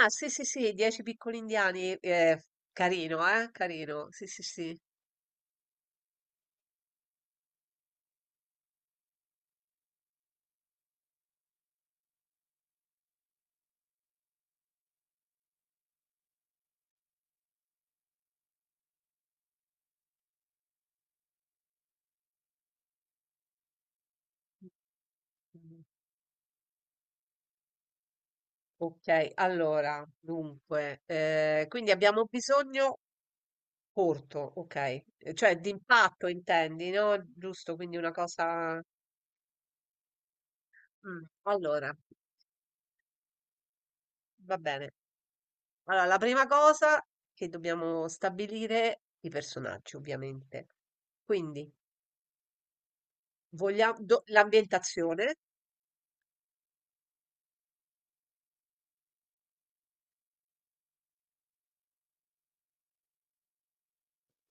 Ah, sì, sì, sì, 10 piccoli indiani, carino, carino, sì, sì, sì. Mm. Ok, allora, dunque, quindi abbiamo bisogno corto, ok, cioè d'impatto intendi, no? Giusto, quindi una allora, va bene. Allora, la prima cosa che dobbiamo stabilire, i personaggi, ovviamente. Quindi, vogliamo... l'ambientazione,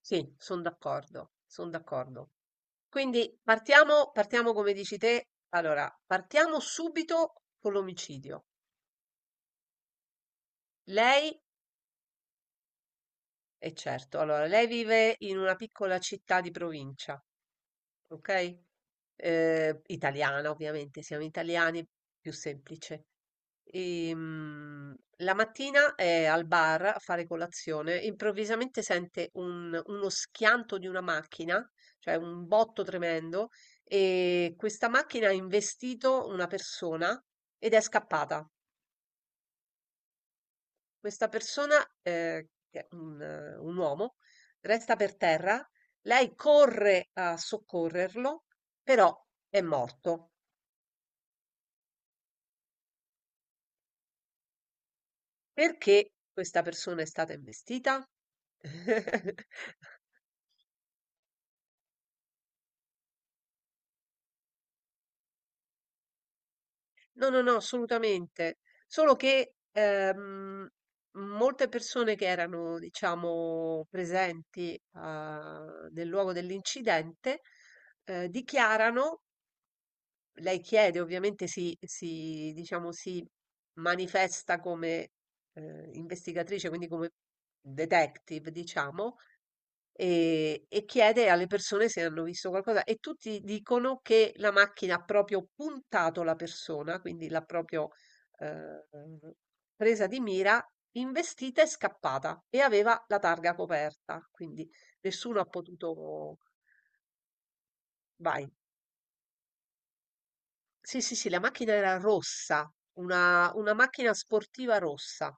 sì, sono d'accordo, sono d'accordo. Quindi partiamo come dici te. Allora, partiamo subito con l'omicidio. Lei, è certo, allora, lei vive in una piccola città di provincia, ok? Italiana, ovviamente, siamo italiani, più semplice. La mattina è al bar a fare colazione, improvvisamente sente uno schianto di una macchina, cioè un botto tremendo, e questa macchina ha investito una persona ed è scappata. Questa persona, che è un uomo, resta per terra, lei corre a soccorrerlo, però è morto. Perché questa persona è stata investita? No, no, no, assolutamente. Solo che molte persone che erano, diciamo, presenti ah, nel luogo dell'incidente dichiarano, lei chiede, ovviamente diciamo, si manifesta come investigatrice, quindi come detective, diciamo, e chiede alle persone se hanno visto qualcosa e tutti dicono che la macchina ha proprio puntato la persona, quindi l'ha proprio eh, presa di mira, investita e scappata e aveva la targa coperta, quindi nessuno ha potuto... Vai. Sì, sì, sì, la macchina era rossa, una macchina sportiva rossa.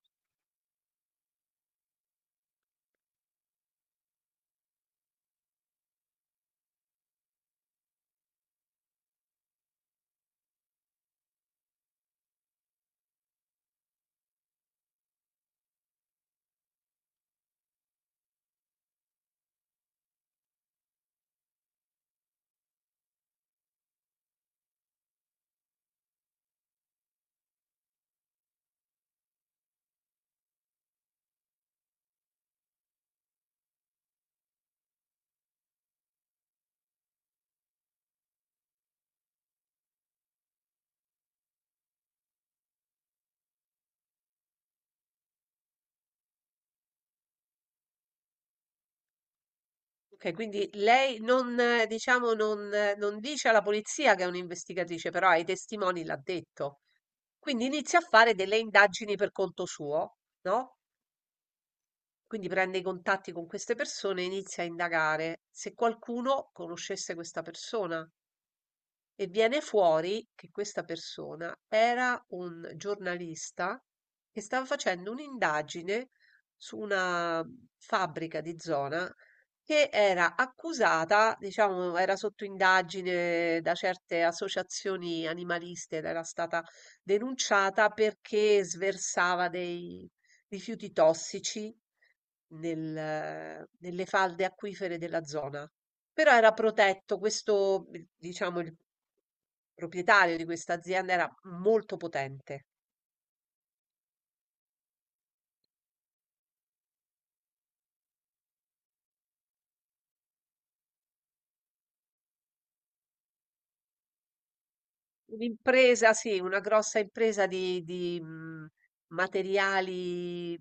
Ok, quindi lei non, diciamo, non dice alla polizia che è un'investigatrice, però ai testimoni l'ha detto. Quindi inizia a fare delle indagini per conto suo, no, quindi prende i contatti con queste persone e inizia a indagare se qualcuno conoscesse questa persona. E viene fuori che questa persona era un giornalista che stava facendo un'indagine su una fabbrica di zona che era accusata, diciamo, era sotto indagine da certe associazioni animaliste ed era stata denunciata perché sversava dei rifiuti tossici nelle falde acquifere della zona. Però era protetto, questo, diciamo, il proprietario di questa azienda era molto potente. Un'impresa sì, una grossa impresa di materiali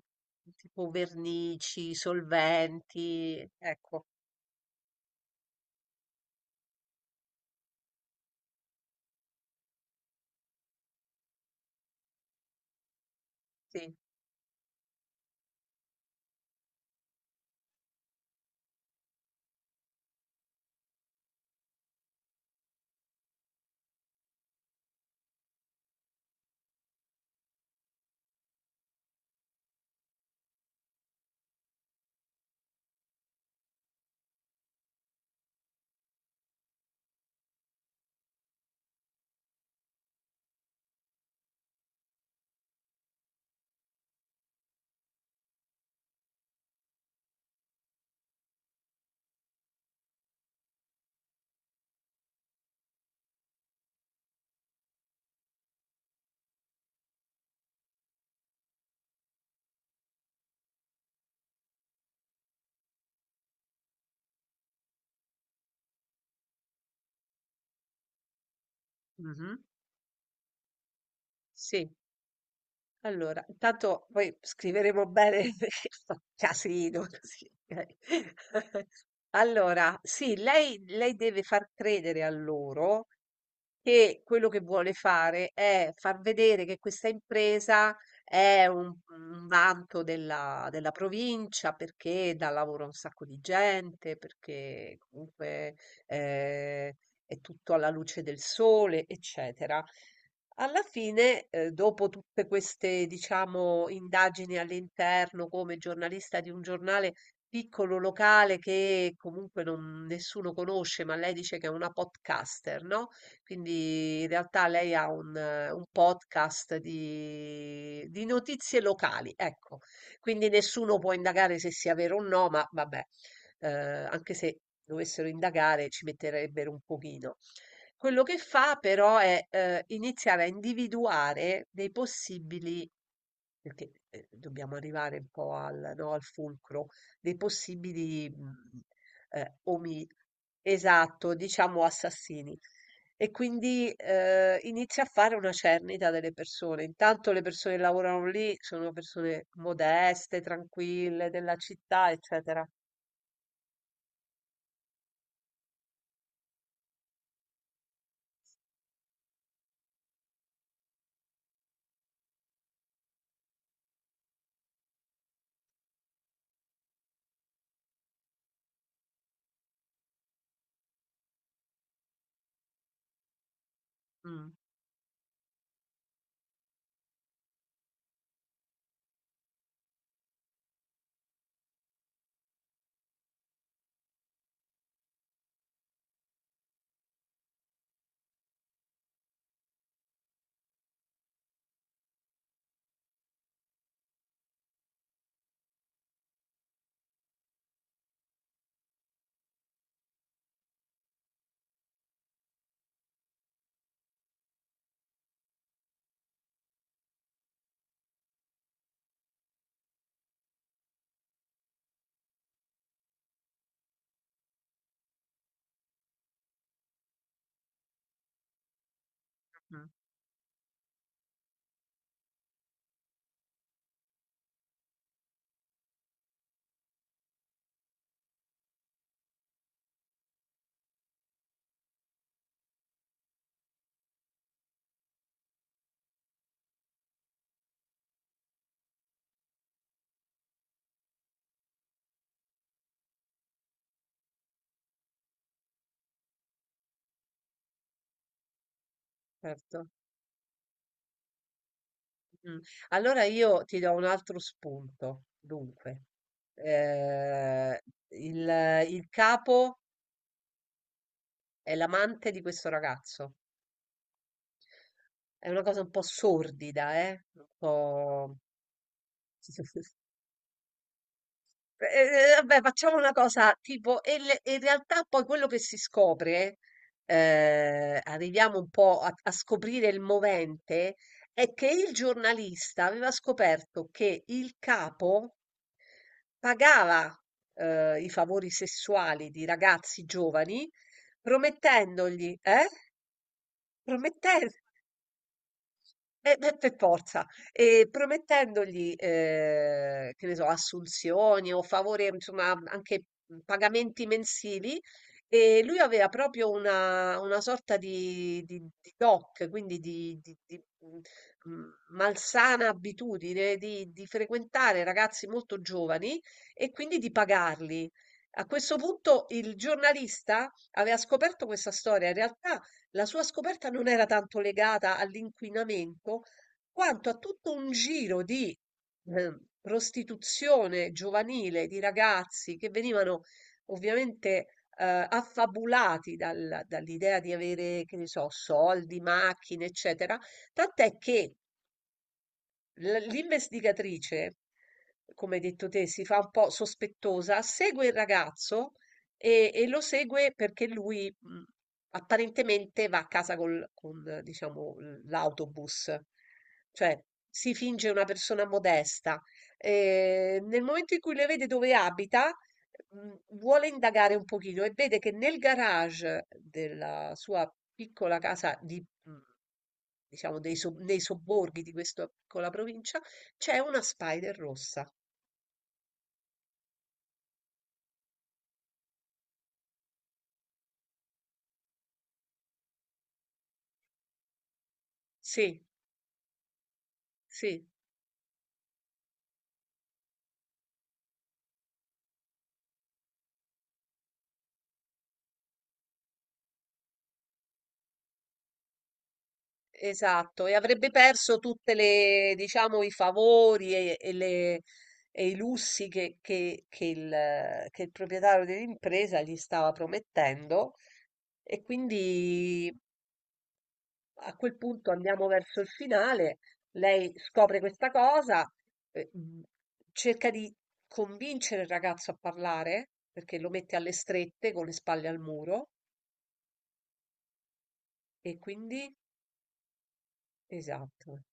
tipo vernici, solventi, ecco, sì. Mh-mh. Sì. Allora, intanto poi scriveremo bene perché fa casino così, okay. Allora, sì, lei deve far credere a loro che quello che vuole fare è far vedere che questa impresa è un vanto della, della provincia perché dà lavoro a un sacco di gente, perché comunque eh, è tutto alla luce del sole, eccetera. Alla fine, dopo tutte queste, diciamo, indagini all'interno come giornalista di un giornale piccolo locale che comunque nessuno conosce, ma lei dice che è una podcaster, no? Quindi in realtà lei ha un podcast di notizie locali, ecco. Quindi nessuno può indagare se sia vero o no, ma vabbè, anche se dovessero indagare ci metterebbero un pochino. Quello che fa però è iniziare a individuare dei possibili, perché dobbiamo arrivare un po' al, no, al fulcro, dei possibili eh, omi, esatto, diciamo assassini. E quindi inizia a fare una cernita delle persone. Intanto le persone che lavorano lì sono persone modeste, tranquille, della città, eccetera. Mm, mm, certo. Mm. Allora io ti do un altro spunto. Dunque, eh, il, il capo è l'amante di questo ragazzo. È una cosa un po' sordida, eh? Un po'... vabbè, facciamo una cosa tipo, e e in realtà poi quello che si scopre, arriviamo un po' a scoprire il movente, è che il giornalista aveva scoperto che il capo pagava, i favori sessuali di ragazzi giovani promettendogli eh? Prometten Eh beh, per forza, promettendogli, che ne so, assunzioni o favori, insomma, anche, pagamenti mensili, e lui aveva proprio una sorta di DOC, quindi di malsana abitudine di frequentare ragazzi molto giovani e quindi di pagarli. A questo punto il giornalista aveva scoperto questa storia, in realtà la sua scoperta non era tanto legata all'inquinamento, quanto a tutto un giro di eh, prostituzione giovanile di ragazzi che venivano ovviamente affabulati dall'idea di avere, che ne so, soldi, macchine, eccetera. Tant'è che l'investigatrice, come hai detto te, si fa un po' sospettosa, segue il ragazzo e lo segue perché lui apparentemente va a casa con, diciamo, l'autobus, cioè si finge una persona modesta. Nel momento in cui le vede dove abita, vuole indagare un pochino e vede che nel garage della sua piccola casa di diciamo dei so nei sobborghi di questa piccola provincia, c'è una spider rossa. Sì, sì, esatto. E avrebbe perso tutte le diciamo i favori e le i lussi che il proprietario dell'impresa gli stava promettendo e quindi a quel punto andiamo verso il finale, lei scopre questa cosa, eh, mh, cerca di convincere il ragazzo a parlare, perché lo mette alle strette con le spalle al muro, e quindi, esatto.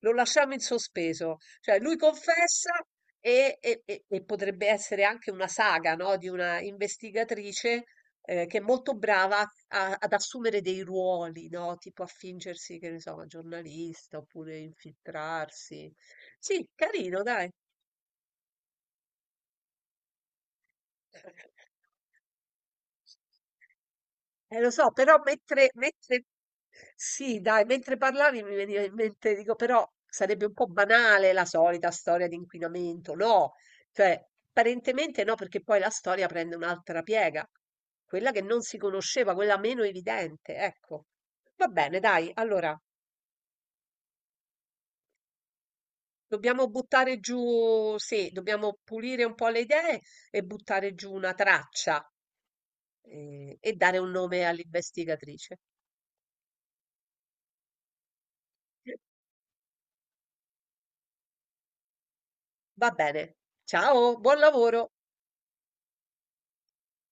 Lo lasciamo in sospeso. Cioè lui confessa e potrebbe essere anche una saga, no? Di una investigatrice che è molto brava ad assumere dei ruoli, no? Tipo a fingersi, che ne so, una giornalista oppure infiltrarsi. Sì, carino, dai. Lo so, però mentre sì dai, mentre parlavi mi veniva in mente, dico però sarebbe un po' banale la solita storia di inquinamento, no, cioè apparentemente no, perché poi la storia prende un'altra piega, quella che non si conosceva, quella meno evidente, ecco. Va bene, dai, allora dobbiamo buttare giù, sì, dobbiamo pulire un po' le idee e buttare giù una traccia e dare un nome all'investigatrice. Va bene. Ciao, buon lavoro.